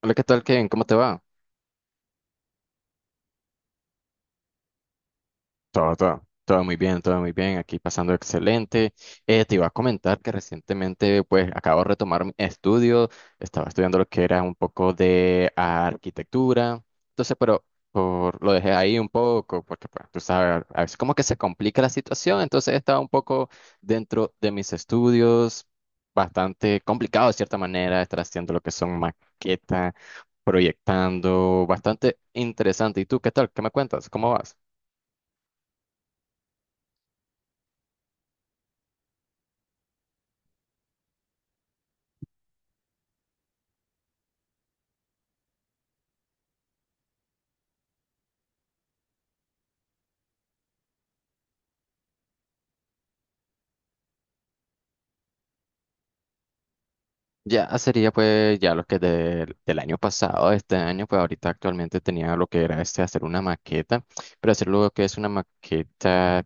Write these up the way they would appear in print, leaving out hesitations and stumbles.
Hola, ¿qué tal, Kevin? ¿Cómo te va? Todo muy bien, todo muy bien. Aquí pasando excelente. Te iba a comentar que recientemente, pues, acabo de retomar mi estudio. Estaba estudiando lo que era un poco de arquitectura. Entonces, pero por, lo dejé ahí un poco, porque, pues, tú sabes, a veces como que se complica la situación. Entonces, estaba un poco dentro de mis estudios. Bastante complicado de cierta manera estar haciendo lo que son maquetas proyectando, bastante interesante. ¿Y tú qué tal? ¿Qué me cuentas? ¿Cómo vas? Ya sería pues ya lo que del año pasado, este año, pues ahorita actualmente tenía lo que era este hacer una maqueta, pero hacer lo que es una maqueta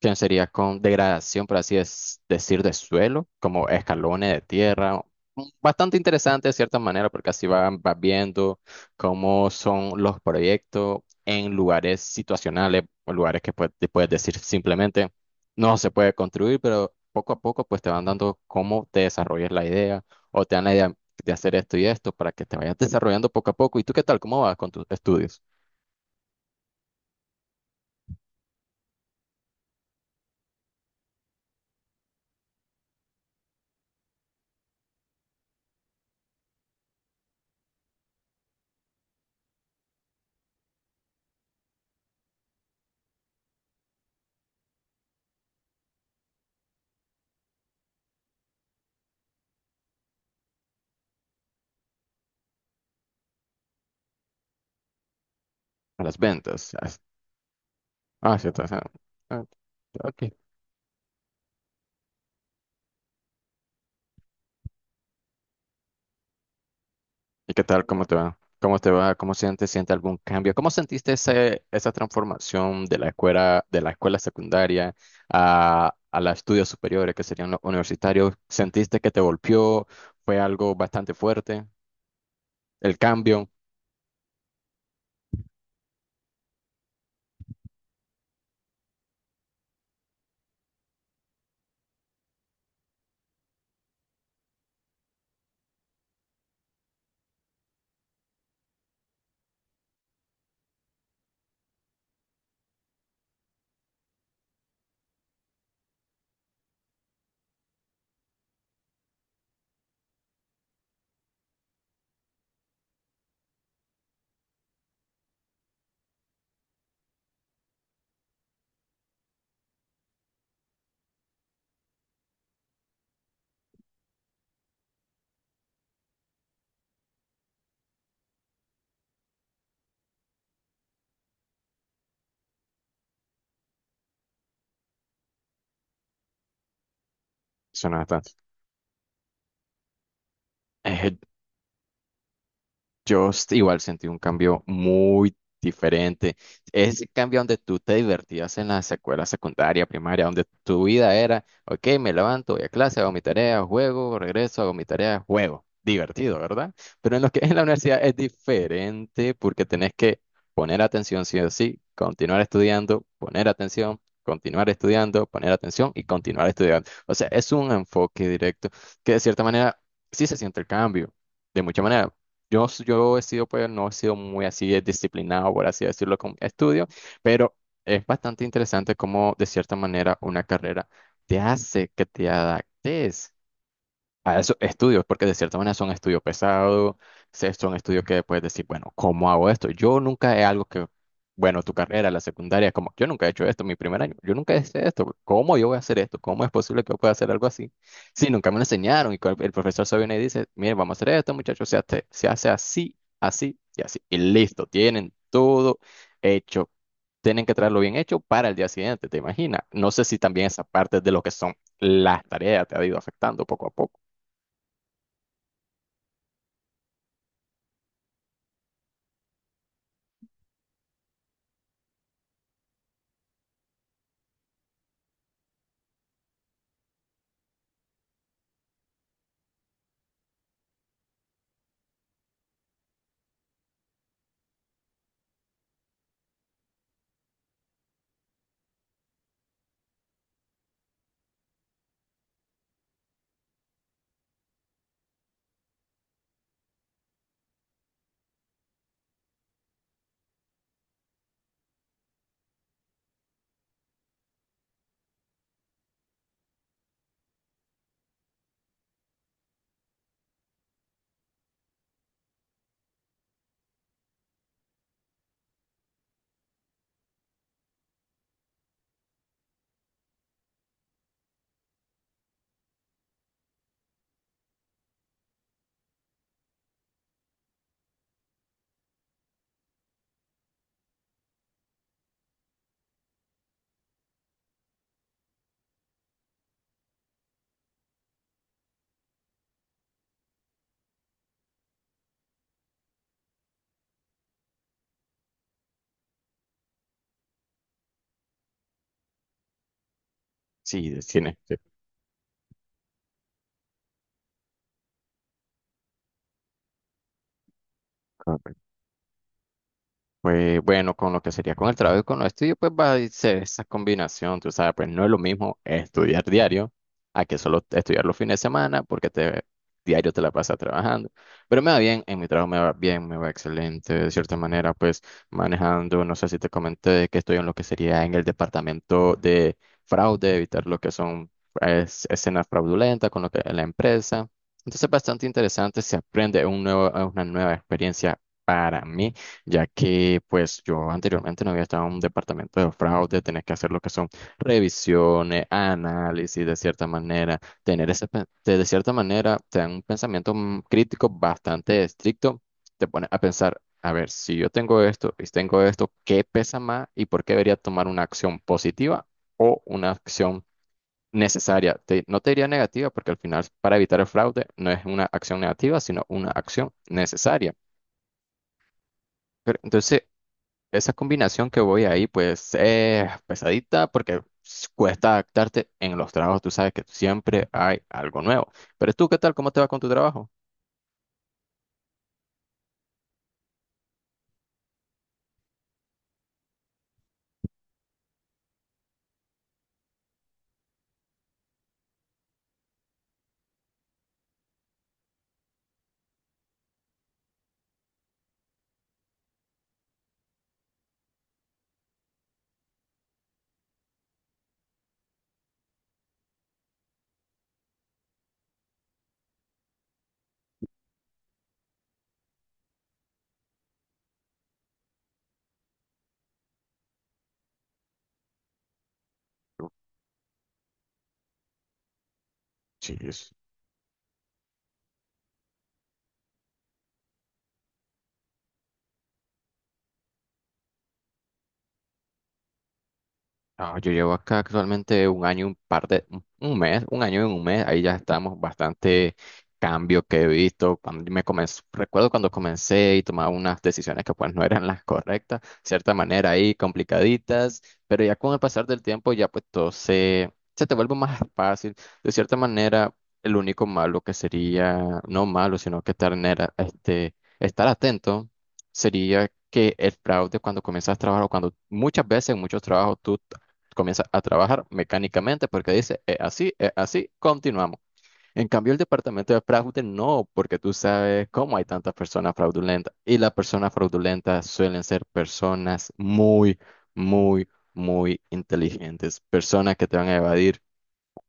que sería con degradación, por así es decir, de suelo, como escalones de tierra. Bastante interesante de cierta manera, porque así vas viendo cómo son los proyectos en lugares situacionales, o lugares que pues, te puedes decir simplemente no se puede construir, pero poco a poco pues te van dando cómo te desarrollas la idea o te dan la idea de hacer esto y esto para que te vayas desarrollando poco a poco. ¿Y tú qué tal? ¿Cómo vas con tus estudios? A las ventas. Ah, sí, está, ah, ok. ¿Y qué tal? ¿Cómo te va? ¿Cómo te va? ¿Cómo sientes? ¿Siente algún cambio? ¿Cómo sentiste ese, esa transformación de la escuela secundaria a los estudios superiores, que serían los universitarios? ¿Sentiste que te golpeó? ¿Fue algo bastante fuerte? ¿El cambio? Suena bastante. Yo igual sentí un cambio muy diferente. Ese cambio donde tú te divertías en la secuela secundaria, primaria, donde tu vida era, ok, me levanto, voy a clase, hago mi tarea, juego, regreso, hago mi tarea, juego. Divertido, ¿verdad? Pero en lo que es la universidad es diferente porque tenés que poner atención sí o sí, continuar estudiando, poner atención, continuar estudiando, poner atención y continuar estudiando. O sea, es un enfoque directo que de cierta manera sí se siente el cambio, de mucha manera. Yo, yo he sido, pues, no he sido muy así de disciplinado, por así decirlo, con estudio, pero es bastante interesante cómo, de cierta manera, una carrera te hace que te adaptes a esos estudios, porque de cierta manera son estudios pesados, son estudios que puedes decir, bueno, ¿cómo hago esto? Yo nunca he algo que, bueno, tu carrera, la secundaria, como yo nunca he hecho esto, mi primer año, yo nunca hice esto, ¿cómo yo voy a hacer esto? ¿Cómo es posible que yo pueda hacer algo así? Sí, nunca me lo enseñaron y el profesor se viene y dice, miren, vamos a hacer esto, muchachos, se hace así, así y así, y listo, tienen todo hecho. Tienen que traerlo bien hecho para el día siguiente, ¿te imaginas? No sé si también esa parte de lo que son las tareas te ha ido afectando poco a poco. Sí, de cine. Sí, correcto. Pues bueno, con lo que sería con el trabajo y con los estudios, pues va a ser esa combinación, tú sabes, pues no es lo mismo estudiar diario a que solo estudiar los fines de semana porque te, diario te la pasas trabajando. Pero me va bien, en mi trabajo me va bien, me va excelente, de cierta manera, pues manejando, no sé si te comenté que estoy en lo que sería en el departamento de fraude, evitar lo que son pues, escenas fraudulentas con lo que la empresa. Entonces, bastante interesante, se aprende un nuevo, una nueva experiencia para mí ya que pues yo anteriormente no había estado en un departamento de fraude, tenés que hacer lo que son revisiones, análisis de cierta manera, tener ese, de cierta manera, te dan un pensamiento crítico bastante estricto, te pones a pensar, a ver, si yo tengo esto y tengo esto, ¿qué pesa más y por qué debería tomar una acción positiva o una acción necesaria? No te diría negativa porque al final para evitar el fraude no es una acción negativa, sino una acción necesaria. Pero, entonces, esa combinación que voy ahí, pues es pesadita porque cuesta adaptarte en los trabajos. Tú sabes que siempre hay algo nuevo. Pero tú, ¿qué tal? ¿Cómo te va con tu trabajo? Sí, no, yo llevo acá actualmente un año, y un par de, un mes, un año y un mes, ahí ya estamos, bastante cambio que he visto. Cuando me comencé, recuerdo cuando comencé y tomaba unas decisiones que pues no eran las correctas, cierta manera ahí complicaditas, pero ya con el pasar del tiempo ya pues todo se, se te vuelve más fácil. De cierta manera, el único malo que sería, no malo, sino que estar, en este, estar atento sería que el fraude cuando comienzas a trabajar o cuando muchas veces en muchos trabajos tú comienza a trabajar mecánicamente porque dice, es así, continuamos. En cambio, el departamento de fraude no, porque tú sabes cómo hay tantas personas fraudulentas. Y las personas fraudulentas suelen ser personas muy, muy, muy inteligentes, personas que te van a evadir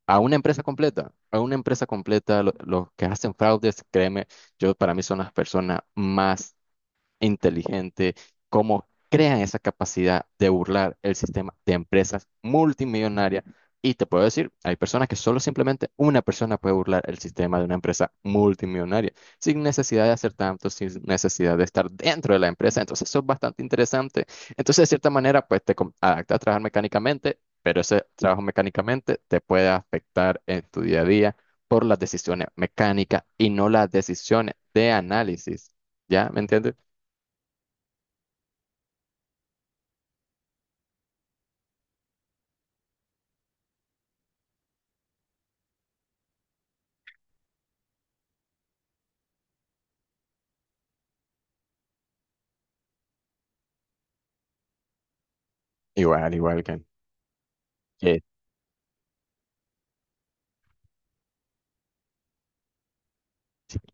a una empresa completa. A una empresa completa, los que hacen fraudes, créeme, yo para mí son las personas más inteligente, cómo crean esa capacidad de burlar el sistema de empresas multimillonarias. Y te puedo decir, hay personas que solo simplemente una persona puede burlar el sistema de una empresa multimillonaria, sin necesidad de hacer tanto, sin necesidad de estar dentro de la empresa. Entonces, eso es bastante interesante. Entonces, de cierta manera, pues te adaptas a trabajar mecánicamente, pero ese trabajo mecánicamente te puede afectar en tu día a día por las decisiones mecánicas y no las decisiones de análisis. ¿Ya? ¿Me entiendes? Igual, igual, que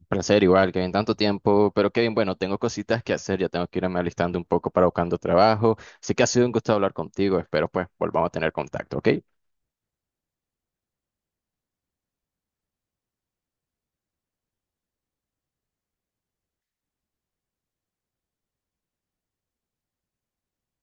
placer, igual, que en tanto tiempo. Pero Kevin, bueno, tengo cositas que hacer, ya tengo que irme alistando un poco para buscando trabajo. Así que ha sido un gusto hablar contigo, espero pues volvamos a tener contacto, ¿ok?